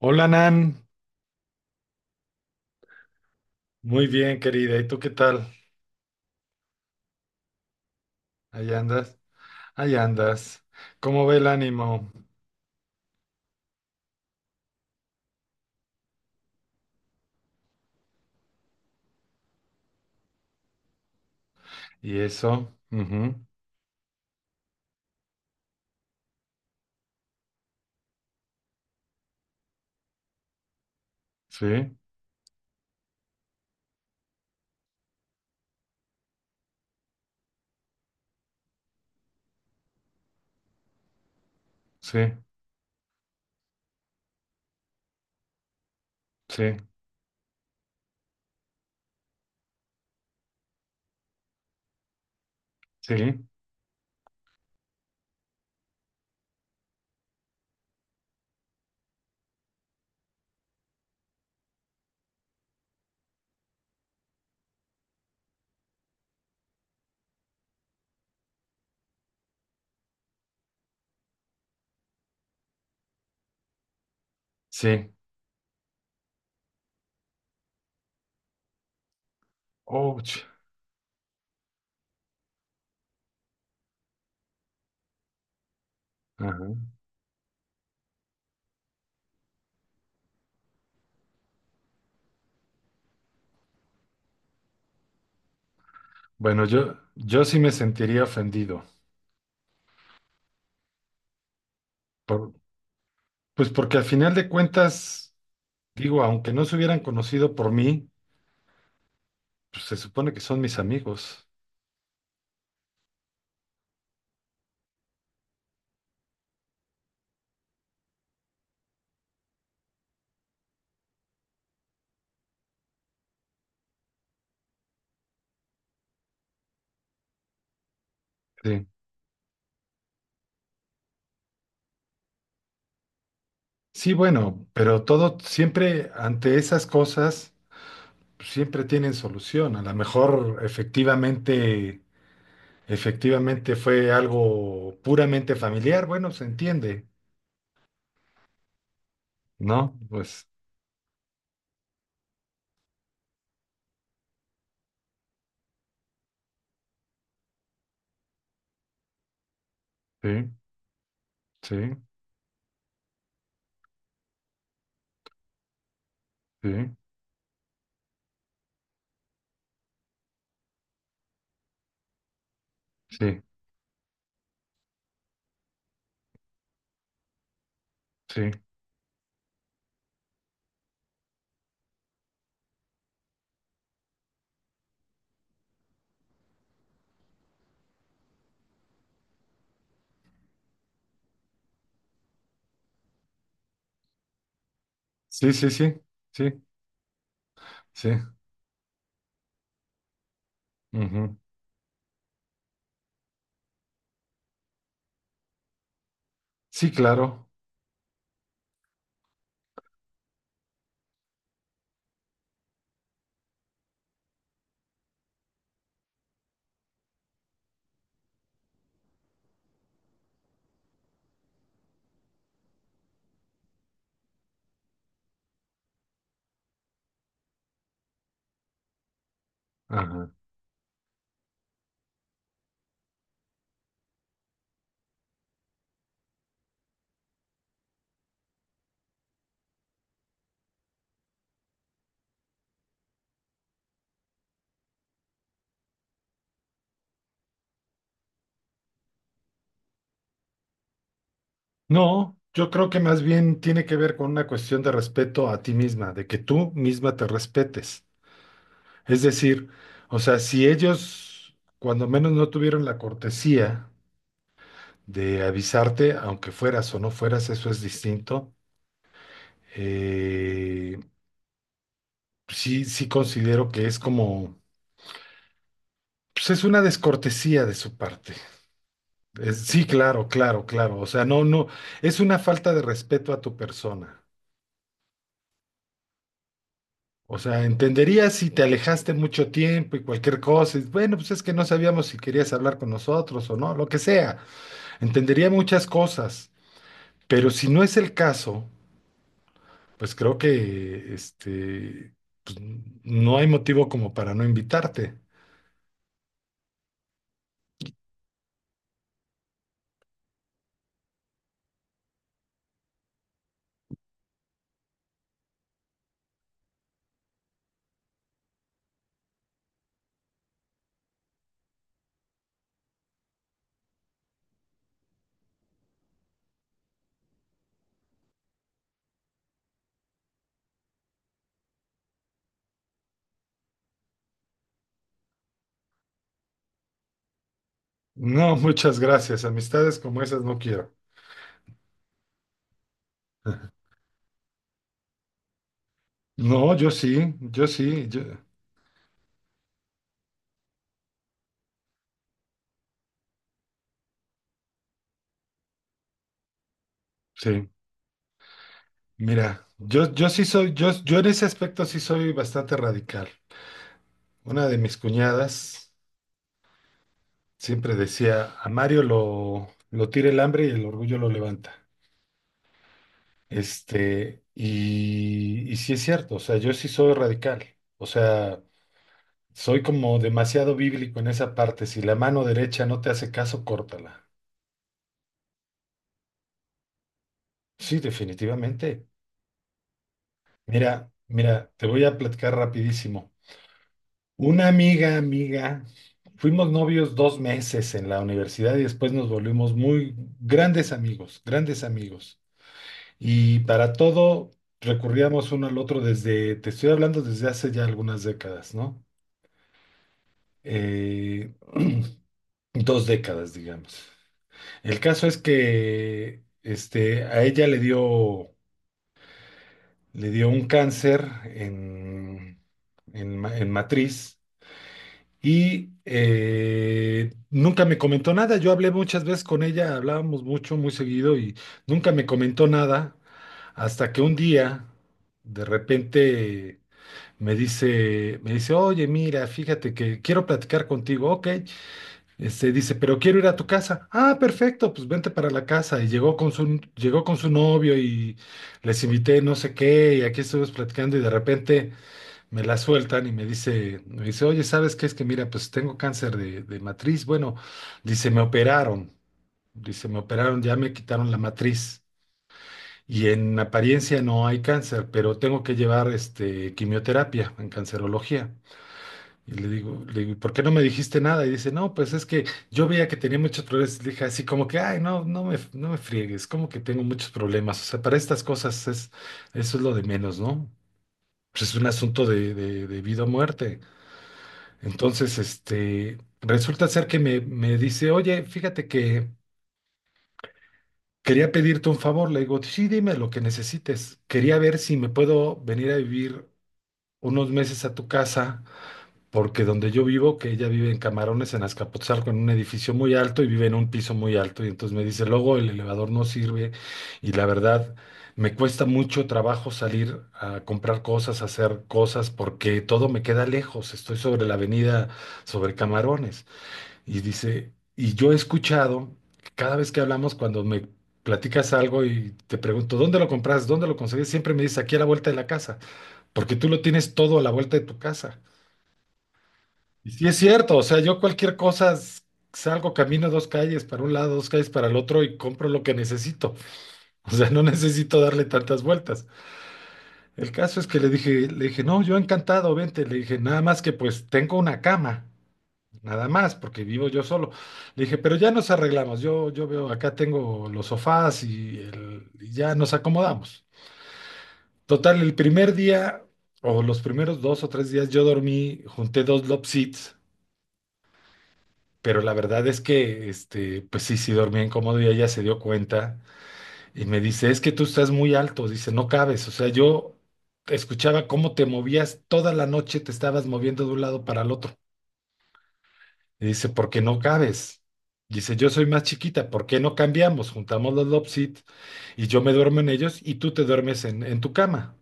Hola Nan, muy bien querida, ¿y tú qué tal? ¿Allá andas? ¿Allá andas? ¿Cómo ve el ánimo? ¿Y eso? Ujú, sí, sí, sí, sí, sí. Ouch. Ajá. Bueno, yo sí me sentiría ofendido. por- pues porque al final de cuentas, digo, aunque no se hubieran conocido por mí, pues se supone que son mis amigos. Sí, sí, bueno, pero todo siempre ante esas cosas. Siempre tienen solución. A lo mejor efectivamente fue algo puramente familiar, bueno, se entiende, ¿no? Pues sí, sí, sí, sí, sí, sí, sí, sí, sí, sí, ujú. Sí, claro. Ajá. No, yo creo que más bien tiene que ver con una cuestión de respeto a ti misma, de que tú misma te respetes. Es decir, o sea, si ellos cuando menos no tuvieron la cortesía, de avisarte, aunque fueras o no fueras, eso es distinto. Eh, sí, sí considero que es como, pues es una descortesía de su parte. Sí, claro, claro, claro. O sea, no, no, es una falta de respeto a tu persona. O sea, entendería si te alejaste mucho tiempo y cualquier cosa. Y bueno, pues es que no sabíamos si querías hablar con nosotros o no, lo que sea. Entendería muchas cosas. Pero si no es el caso, pues creo que pues, no hay motivo como para no invitarte. No, muchas gracias. Amistades como esas no quiero. No, yo sí, yo sí, yo sí. Mira, yo en ese aspecto sí soy bastante radical. Una de mis cuñadas siempre decía, a Mario lo tira el hambre y el orgullo lo levanta. Y sí es cierto, o sea, yo sí soy radical. O sea, soy como demasiado bíblico en esa parte. Si la mano derecha no te hace caso, córtala. Sí, definitivamente. Mira, mira, te voy a platicar rapidísimo. Una amiga, amiga, fuimos novios dos meses en la universidad y después nos volvimos muy grandes amigos, grandes amigos. Y para todo recurríamos uno al otro desde, te estoy hablando desde hace ya algunas décadas, ¿no? Eh, dos décadas, digamos. El caso es que a ella le dio, un cáncer en matriz y nunca me comentó nada. Yo hablé muchas veces con ella, hablábamos mucho, muy seguido y nunca me comentó nada hasta que un día de repente me dice, oye, mira, fíjate que quiero platicar contigo. Ok, dice, pero quiero ir a tu casa. Ah, perfecto, pues vente para la casa. Y llegó con su novio y les invité no sé qué, y aquí estuvimos platicando y de repente me la sueltan y me dice, oye, ¿sabes qué? Es que mira, pues tengo cáncer de matriz. Bueno, dice, me operaron. Dice, me operaron, ya me quitaron la matriz. Y en apariencia no hay cáncer, pero tengo que llevar quimioterapia en cancerología. Y le digo, ¿por qué no me dijiste nada? Y dice, no, pues es que yo veía que tenía muchos problemas. Le dije así como que, ay, no, no me friegues, como que tengo muchos problemas. O sea, para estas cosas es, eso es lo de menos, ¿no? Pues es un asunto de vida o muerte. Entonces, resulta ser que me dice, oye, fíjate que quería pedirte un favor. Le digo, sí, dime lo que necesites. Quería ver si me puedo venir a vivir unos meses a tu casa porque donde yo vivo, que ella vive en Camarones, en Azcapotzalco, en un edificio muy alto y vive en un piso muy alto. Y entonces me dice, luego el elevador no sirve y la verdad me cuesta mucho trabajo salir a comprar cosas, a hacer cosas, porque todo me queda lejos. Estoy sobre la avenida, sobre Camarones. Y dice, y yo he escuchado, que cada vez que hablamos, cuando me. Platicas algo y te pregunto, ¿dónde lo compras? ¿Dónde lo conseguís? Siempre me dices, aquí a la vuelta de la casa, porque tú lo tienes todo a la vuelta de tu casa. Y sí es cierto, o sea, yo cualquier cosa salgo, camino dos calles para un lado, dos calles para el otro y compro lo que necesito. O sea, no necesito darle tantas vueltas. El caso es que le dije, no, yo encantado, vente. Le dije, nada más que pues tengo una cama, nada más, porque vivo yo solo. Le dije, pero ya nos arreglamos, yo veo, acá tengo los sofás y ya nos acomodamos. Total, el primer día o los primeros dos o tres días yo dormí, junté dos love seats. Pero la verdad es que, pues sí, sí dormía incómodo y ella se dio cuenta y me dice, es que tú estás muy alto, dice, no cabes, o sea, yo escuchaba cómo te movías toda la noche, te estabas moviendo de un lado para el otro. Y dice, porque no cabes. Dice, yo soy más chiquita, ¿por qué no cambiamos? Juntamos los Lopsit y yo me duermo en ellos y tú te duermes en, tu cama.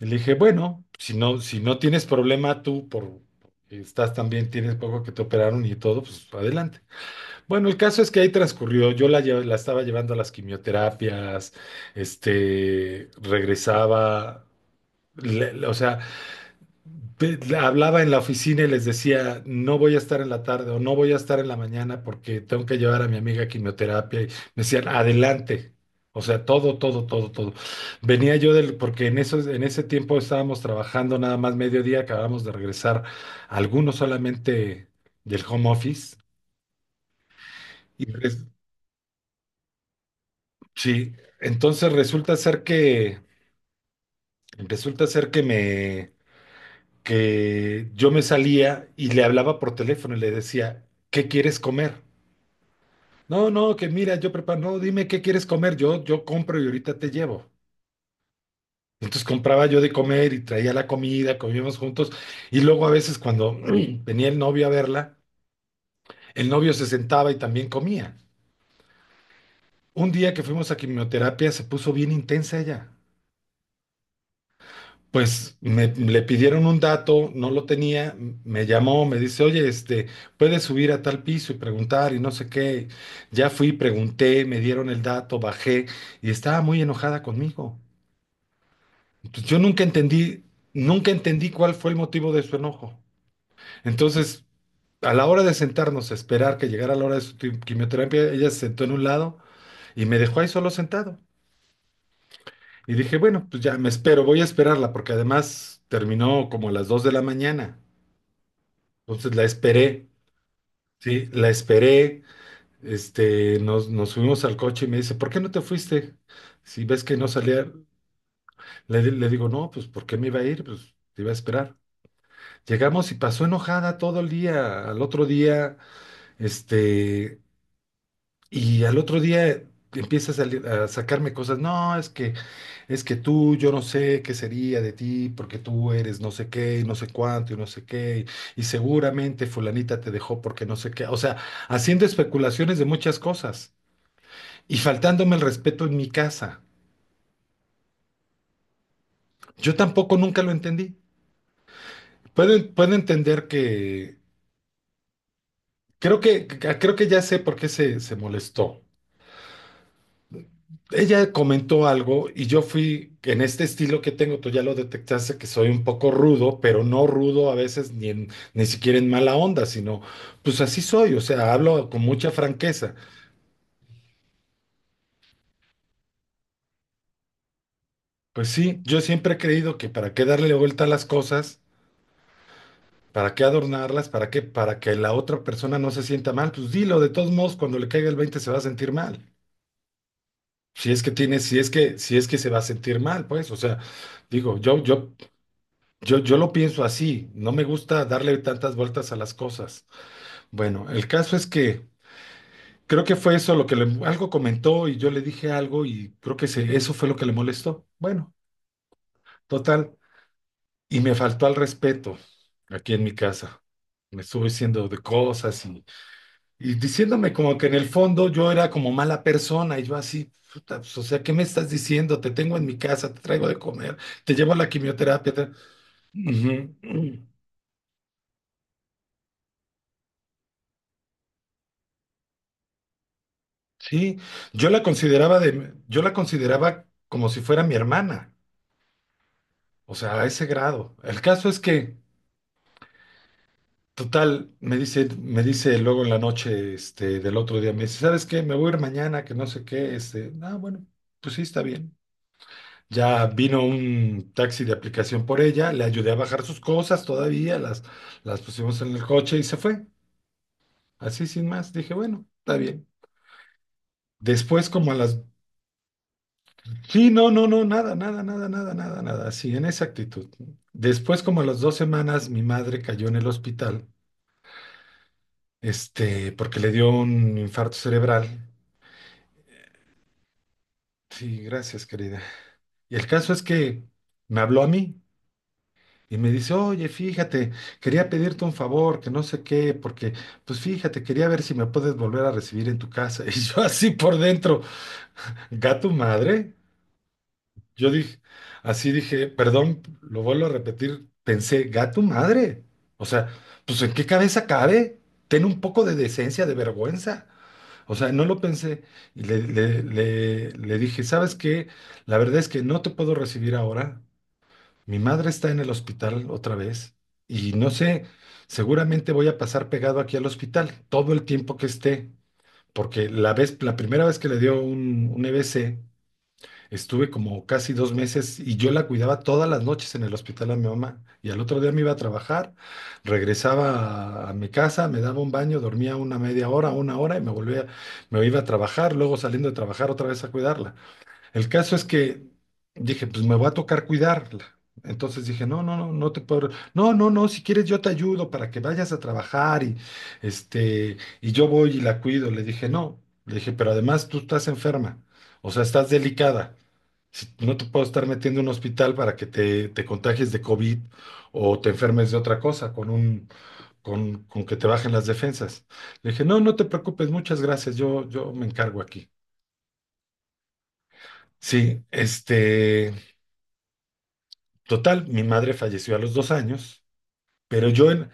Y le dije, bueno, si no tienes problema tú por, estás también, tienes poco que te operaron y todo, pues adelante. Bueno, el caso es que ahí transcurrió. Yo la estaba llevando a las quimioterapias, regresaba, o sea, le hablaba en la oficina y les decía, no voy a estar en la tarde o no voy a estar en la mañana porque tengo que llevar a mi amiga a quimioterapia. Y me decían, adelante. O sea, todo, todo, todo, todo. Venía yo del, porque en ese tiempo estábamos trabajando nada más mediodía, acabamos de regresar algunos solamente del home office. Y res- Sí, entonces resulta ser que yo me salía y le hablaba por teléfono y le decía, ¿qué quieres comer? No, no, que mira, yo preparo, no, dime qué quieres comer, yo compro y ahorita te llevo. Entonces compraba yo de comer y traía la comida, comíamos juntos y luego a veces cuando venía el novio a verla, el novio se sentaba y también comía. Un día que fuimos a quimioterapia se puso bien intensa ella. Pues le pidieron un dato, no lo tenía, me llamó, me dice, oye, puedes subir a tal piso y preguntar y no sé qué. Ya fui, pregunté, me dieron el dato, bajé y estaba muy enojada conmigo. Entonces, yo nunca entendí, nunca entendí cuál fue el motivo de su enojo. Entonces, a la hora de sentarnos a esperar que llegara la hora de su quimioterapia, ella se sentó en un lado y me dejó ahí solo sentado. Y dije, bueno, pues ya me espero, voy a esperarla porque además terminó como a las 2 de la mañana. Entonces la esperé, sí, la esperé, nos subimos al coche y me dice, ¿por qué no te fuiste? Si ves que no salía, le digo, no, pues ¿por qué me iba a ir? Pues te iba a esperar. Llegamos y pasó enojada todo el día, al otro día, este, y al otro día empieza a sacarme cosas, no, es que yo no sé qué sería de ti, porque tú eres no sé qué, y no sé cuánto, y no sé qué, y seguramente fulanita te dejó porque no sé qué, o sea, haciendo especulaciones de muchas cosas y faltándome el respeto en mi casa. Yo tampoco nunca lo entendí. Puedo entender que, creo que ya sé por qué se molestó. Ella comentó algo y yo fui en este estilo que tengo, tú ya lo detectaste, que soy un poco rudo, pero no rudo a veces ni, ni siquiera en mala onda, sino pues así soy, o sea, hablo con mucha franqueza. Pues sí, yo siempre he creído que para qué darle vuelta a las cosas, para qué adornarlas, para qué, para que la otra persona no se sienta mal, pues dilo, de todos modos, cuando le caiga el 20 se va a sentir mal. Si es que tiene, si es que, si es que se va a sentir mal, pues, o sea, digo, yo lo pienso así, no me gusta darle tantas vueltas a las cosas. Bueno, el caso es que creo que fue eso lo que algo comentó y yo le dije algo y creo que eso fue lo que le molestó. Bueno, total, y me faltó al respeto aquí en mi casa. Me estuvo diciendo de cosas y diciéndome como que en el fondo yo era como mala persona y yo así, puta, pues, o sea, ¿qué me estás diciendo? Te tengo en mi casa, te traigo de comer, te llevo a la quimioterapia. Ujú. Sí, yo la consideraba de, yo la consideraba como si fuera mi hermana, o sea, a ese grado. El caso es que, total, me dice, luego en la noche, del otro día, me dice, ¿sabes qué? Me voy a ir mañana, que no sé qué, ah, bueno, pues sí, está bien. Ya vino un taxi de aplicación por ella, le ayudé a bajar sus cosas todavía, las pusimos en el coche y se fue. Así sin más, dije, bueno, está bien. Después, como a las Sí, no, no, no, nada, nada, nada, nada, nada, nada, sí, en esa actitud. Después, como a las dos semanas, mi madre cayó en el hospital, porque le dio un infarto cerebral. Sí, gracias, querida. Y el caso es que me habló a mí y me dice, oye, fíjate, quería pedirte un favor, que no sé qué, porque, pues fíjate, quería ver si me puedes volver a recibir en tu casa. Y yo así por dentro, gato madre. Yo dije, así dije, perdón, lo vuelvo a repetir, pensé, gato madre. O sea, pues ¿en qué cabeza cabe? Ten un poco de decencia, de vergüenza. O sea, no lo pensé. Y le dije, ¿sabes qué? La verdad es que no te puedo recibir ahora. Mi madre está en el hospital otra vez. Y no sé, seguramente voy a pasar pegado aquí al hospital todo el tiempo que esté. Porque la primera vez que le dio un, EBC, estuve como casi dos meses y yo la cuidaba todas las noches en el hospital a mi mamá. Y al otro día me iba a trabajar, regresaba a mi casa, me daba un baño, dormía una media hora, una hora y me volvía, me iba a trabajar, luego saliendo de trabajar otra vez a cuidarla. El caso es que dije, pues me va a tocar cuidarla. Entonces dije, no, no, no, no te puedo, no, no, no, si quieres yo te ayudo para que vayas a trabajar y este, y yo voy y la cuido. Le dije, no, le dije, pero además tú estás enferma, o sea, estás delicada. No te puedo estar metiendo en un hospital para que te contagies de COVID o te enfermes de otra cosa con un, con que te bajen las defensas. Le dije, no, no te preocupes, muchas gracias, yo me encargo aquí. Sí, total, mi madre falleció a los dos años, pero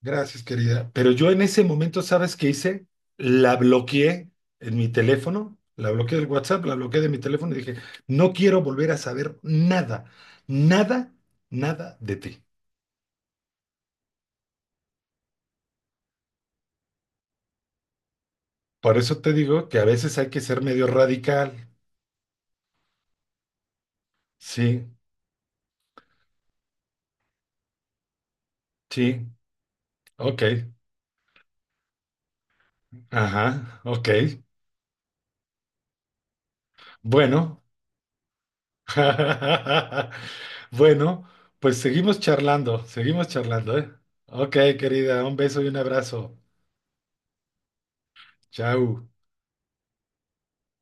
gracias querida, pero yo en ese momento, ¿sabes qué hice? La bloqueé en mi teléfono, la bloqueé del WhatsApp, la bloqueé de mi teléfono y dije, no quiero volver a saber nada, nada, nada de ti. Por eso te digo que a veces hay que ser medio radical. Sí, sí, ok, ajá, ok. Bueno, bueno, pues seguimos charlando, ¿eh? Ok, querida, un beso y un abrazo. Chao.